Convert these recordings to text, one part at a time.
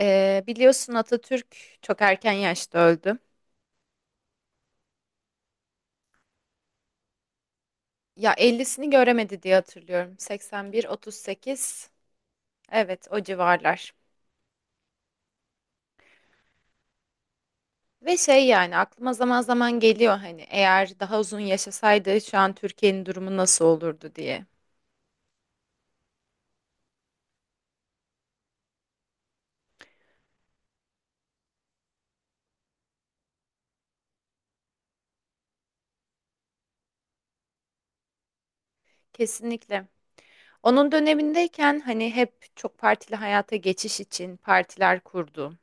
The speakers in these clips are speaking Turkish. Biliyorsun Atatürk çok erken yaşta öldü. Ya 50'sini göremedi diye hatırlıyorum. 81, 38. Evet, o civarlar. Ve şey yani aklıma zaman zaman geliyor hani eğer daha uzun yaşasaydı şu an Türkiye'nin durumu nasıl olurdu diye. Kesinlikle. Onun dönemindeyken hani hep çok partili hayata geçiş için partiler kurdu.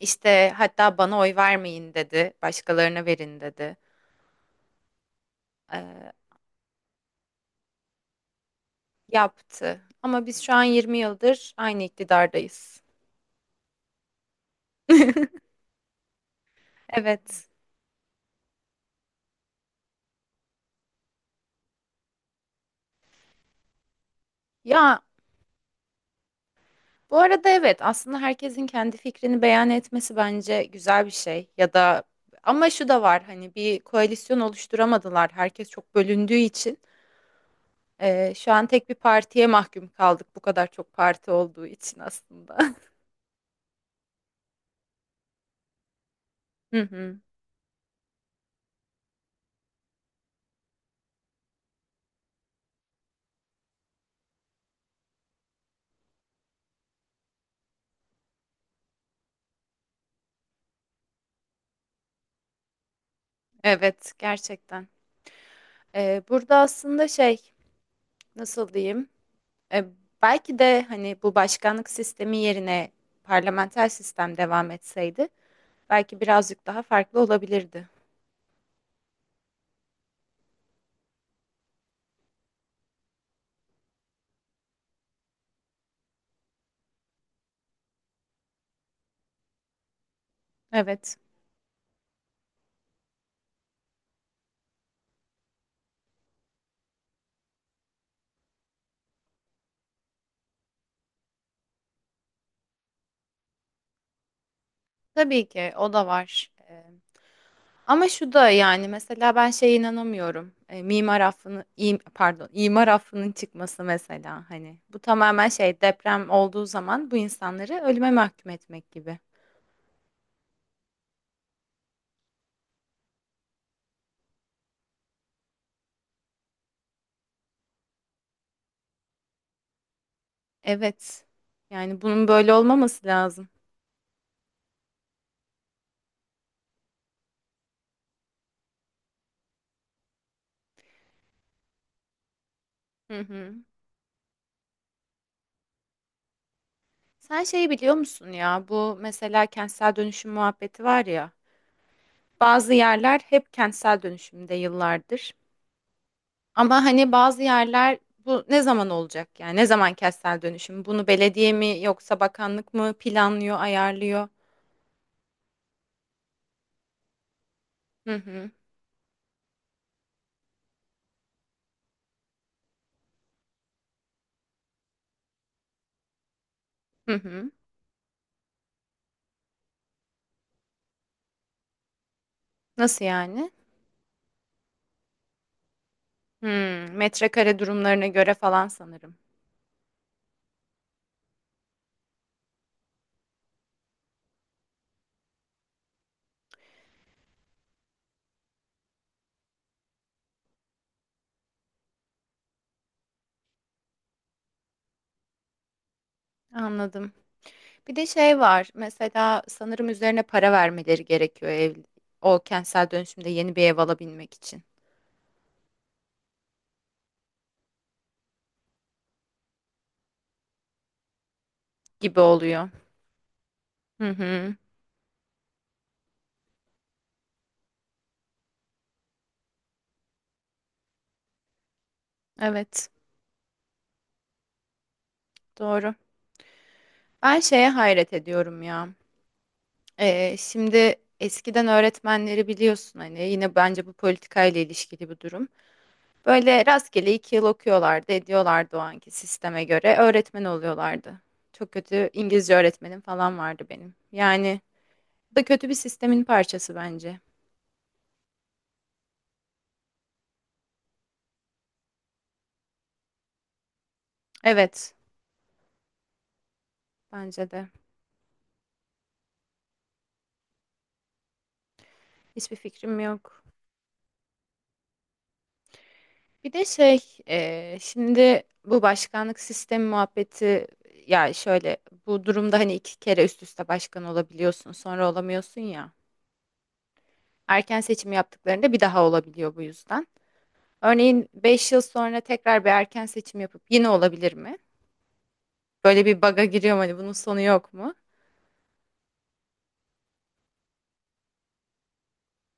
İşte hatta bana oy vermeyin dedi, başkalarına verin dedi. Yaptı. Ama biz şu an 20 yıldır aynı iktidardayız. Evet. Ya bu arada evet, aslında herkesin kendi fikrini beyan etmesi bence güzel bir şey ya da, ama şu da var hani bir koalisyon oluşturamadılar, herkes çok bölündüğü için. Şu an tek bir partiye mahkum kaldık, bu kadar çok parti olduğu için aslında. Hı hı. Evet, gerçekten. Burada aslında şey, nasıl diyeyim? E, Belki de hani bu başkanlık sistemi yerine parlamenter sistem devam etseydi belki birazcık daha farklı olabilirdi. Evet, tabii ki o da var. Ama şu da yani, mesela ben şeye inanamıyorum. Mimar affını, pardon, imar affının çıkması mesela, hani bu tamamen şey, deprem olduğu zaman bu insanları ölüme mahkum etmek gibi. Evet. Yani bunun böyle olmaması lazım. Hı hı. Sen şeyi biliyor musun ya? Bu mesela kentsel dönüşüm muhabbeti var ya. Bazı yerler hep kentsel dönüşümde yıllardır. Ama hani bazı yerler, bu ne zaman olacak yani? Ne zaman kentsel dönüşüm? Bunu belediye mi yoksa bakanlık mı planlıyor, ayarlıyor? Hı hı. Hı hı. Nasıl yani? Hmm, metrekare durumlarına göre falan sanırım. Anladım. Bir de şey var. Mesela sanırım üzerine para vermeleri gerekiyor ev, o kentsel dönüşümde yeni bir ev alabilmek için gibi oluyor. Hı hı. Evet, doğru. Ben şeye hayret ediyorum ya. Şimdi eskiden öğretmenleri biliyorsun, hani yine bence bu politikayla ilişkili bir durum. Böyle rastgele 2 yıl okuyorlardı, ediyorlardı o anki sisteme göre. Öğretmen oluyorlardı. Çok kötü İngilizce öğretmenim falan vardı benim. Yani bu da kötü bir sistemin parçası bence. Evet, bence de. Hiçbir fikrim yok. Bir de şey, şimdi bu başkanlık sistemi muhabbeti, ya şöyle, bu durumda hani iki kere üst üste başkan olabiliyorsun, sonra olamıyorsun ya. Erken seçim yaptıklarında bir daha olabiliyor bu yüzden. Örneğin 5 yıl sonra tekrar bir erken seçim yapıp yine olabilir mi? Böyle bir baga giriyorum, hani bunun sonu yok mu?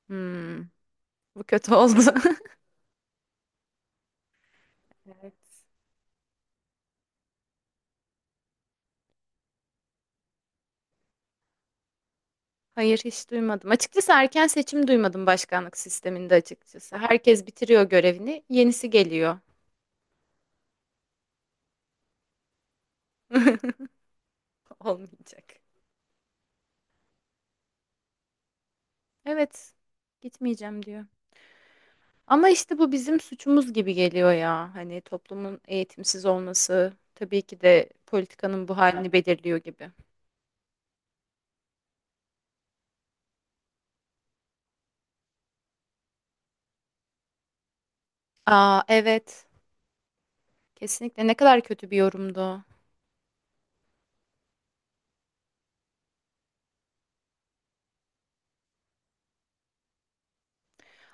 Hmm, bu kötü oldu. Evet. Hayır, hiç duymadım. Açıkçası erken seçim duymadım başkanlık sisteminde açıkçası. Herkes bitiriyor görevini, yenisi geliyor. Olmayacak. Evet, gitmeyeceğim diyor. Ama işte bu bizim suçumuz gibi geliyor ya. Hani toplumun eğitimsiz olması tabii ki de politikanın bu halini belirliyor gibi. Aa, evet, kesinlikle ne kadar kötü bir yorumdu o.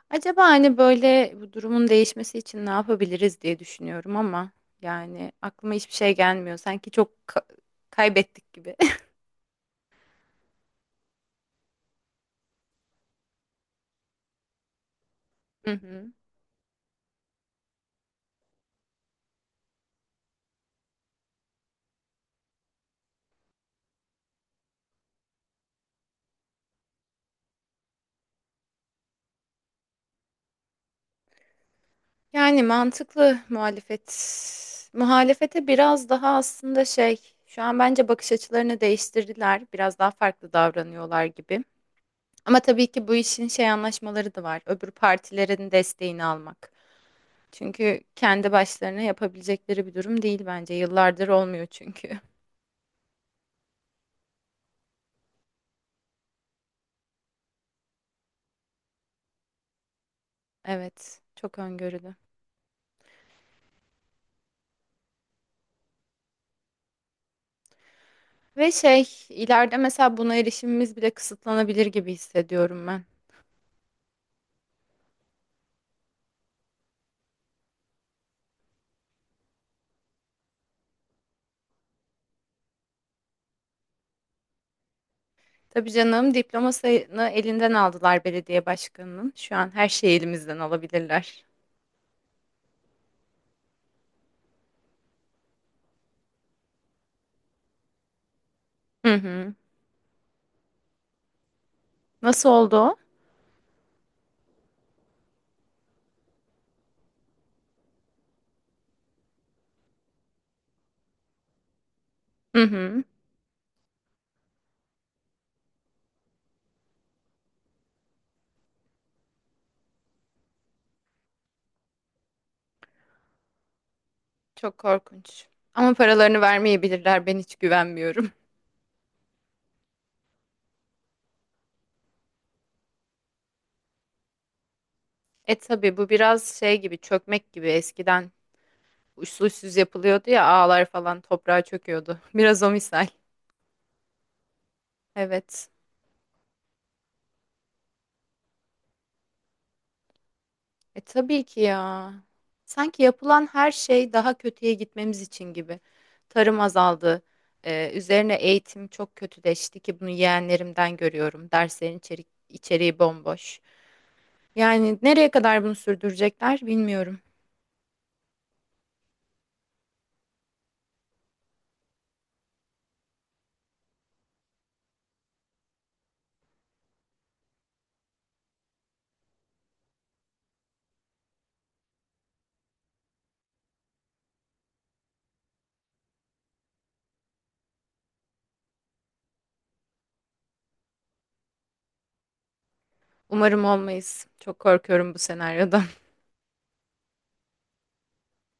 Acaba hani böyle bu durumun değişmesi için ne yapabiliriz diye düşünüyorum, ama yani aklıma hiçbir şey gelmiyor. Sanki çok kaybettik gibi. Hı hı. Yani mantıklı muhalefet. Muhalefete biraz daha aslında şey, şu an bence bakış açılarını değiştirdiler. Biraz daha farklı davranıyorlar gibi. Ama tabii ki bu işin şey anlaşmaları da var. Öbür partilerin desteğini almak. Çünkü kendi başlarına yapabilecekleri bir durum değil bence. Yıllardır olmuyor çünkü. Evet, çok öngörülü. Ve şey, ileride mesela buna erişimimiz bile kısıtlanabilir gibi hissediyorum. Tabii canım, diplomasını elinden aldılar belediye başkanının. Şu an her şeyi elimizden alabilirler. Hı hı. Nasıl oldu o? Hı hı. Çok korkunç. Ama paralarını vermeyebilirler. Ben hiç güvenmiyorum. E tabii, bu biraz şey gibi, çökmek gibi, eskiden uçsuz uçsuz yapılıyordu ya, ağlar falan toprağa çöküyordu. Biraz o misal. Evet. E tabii ki ya. Sanki yapılan her şey daha kötüye gitmemiz için gibi. Tarım azaldı. Üzerine eğitim çok kötüleşti ki bunu yeğenlerimden görüyorum. Derslerin içeriği bomboş. Yani nereye kadar bunu sürdürecekler bilmiyorum. Umarım olmayız. Çok korkuyorum bu senaryoda.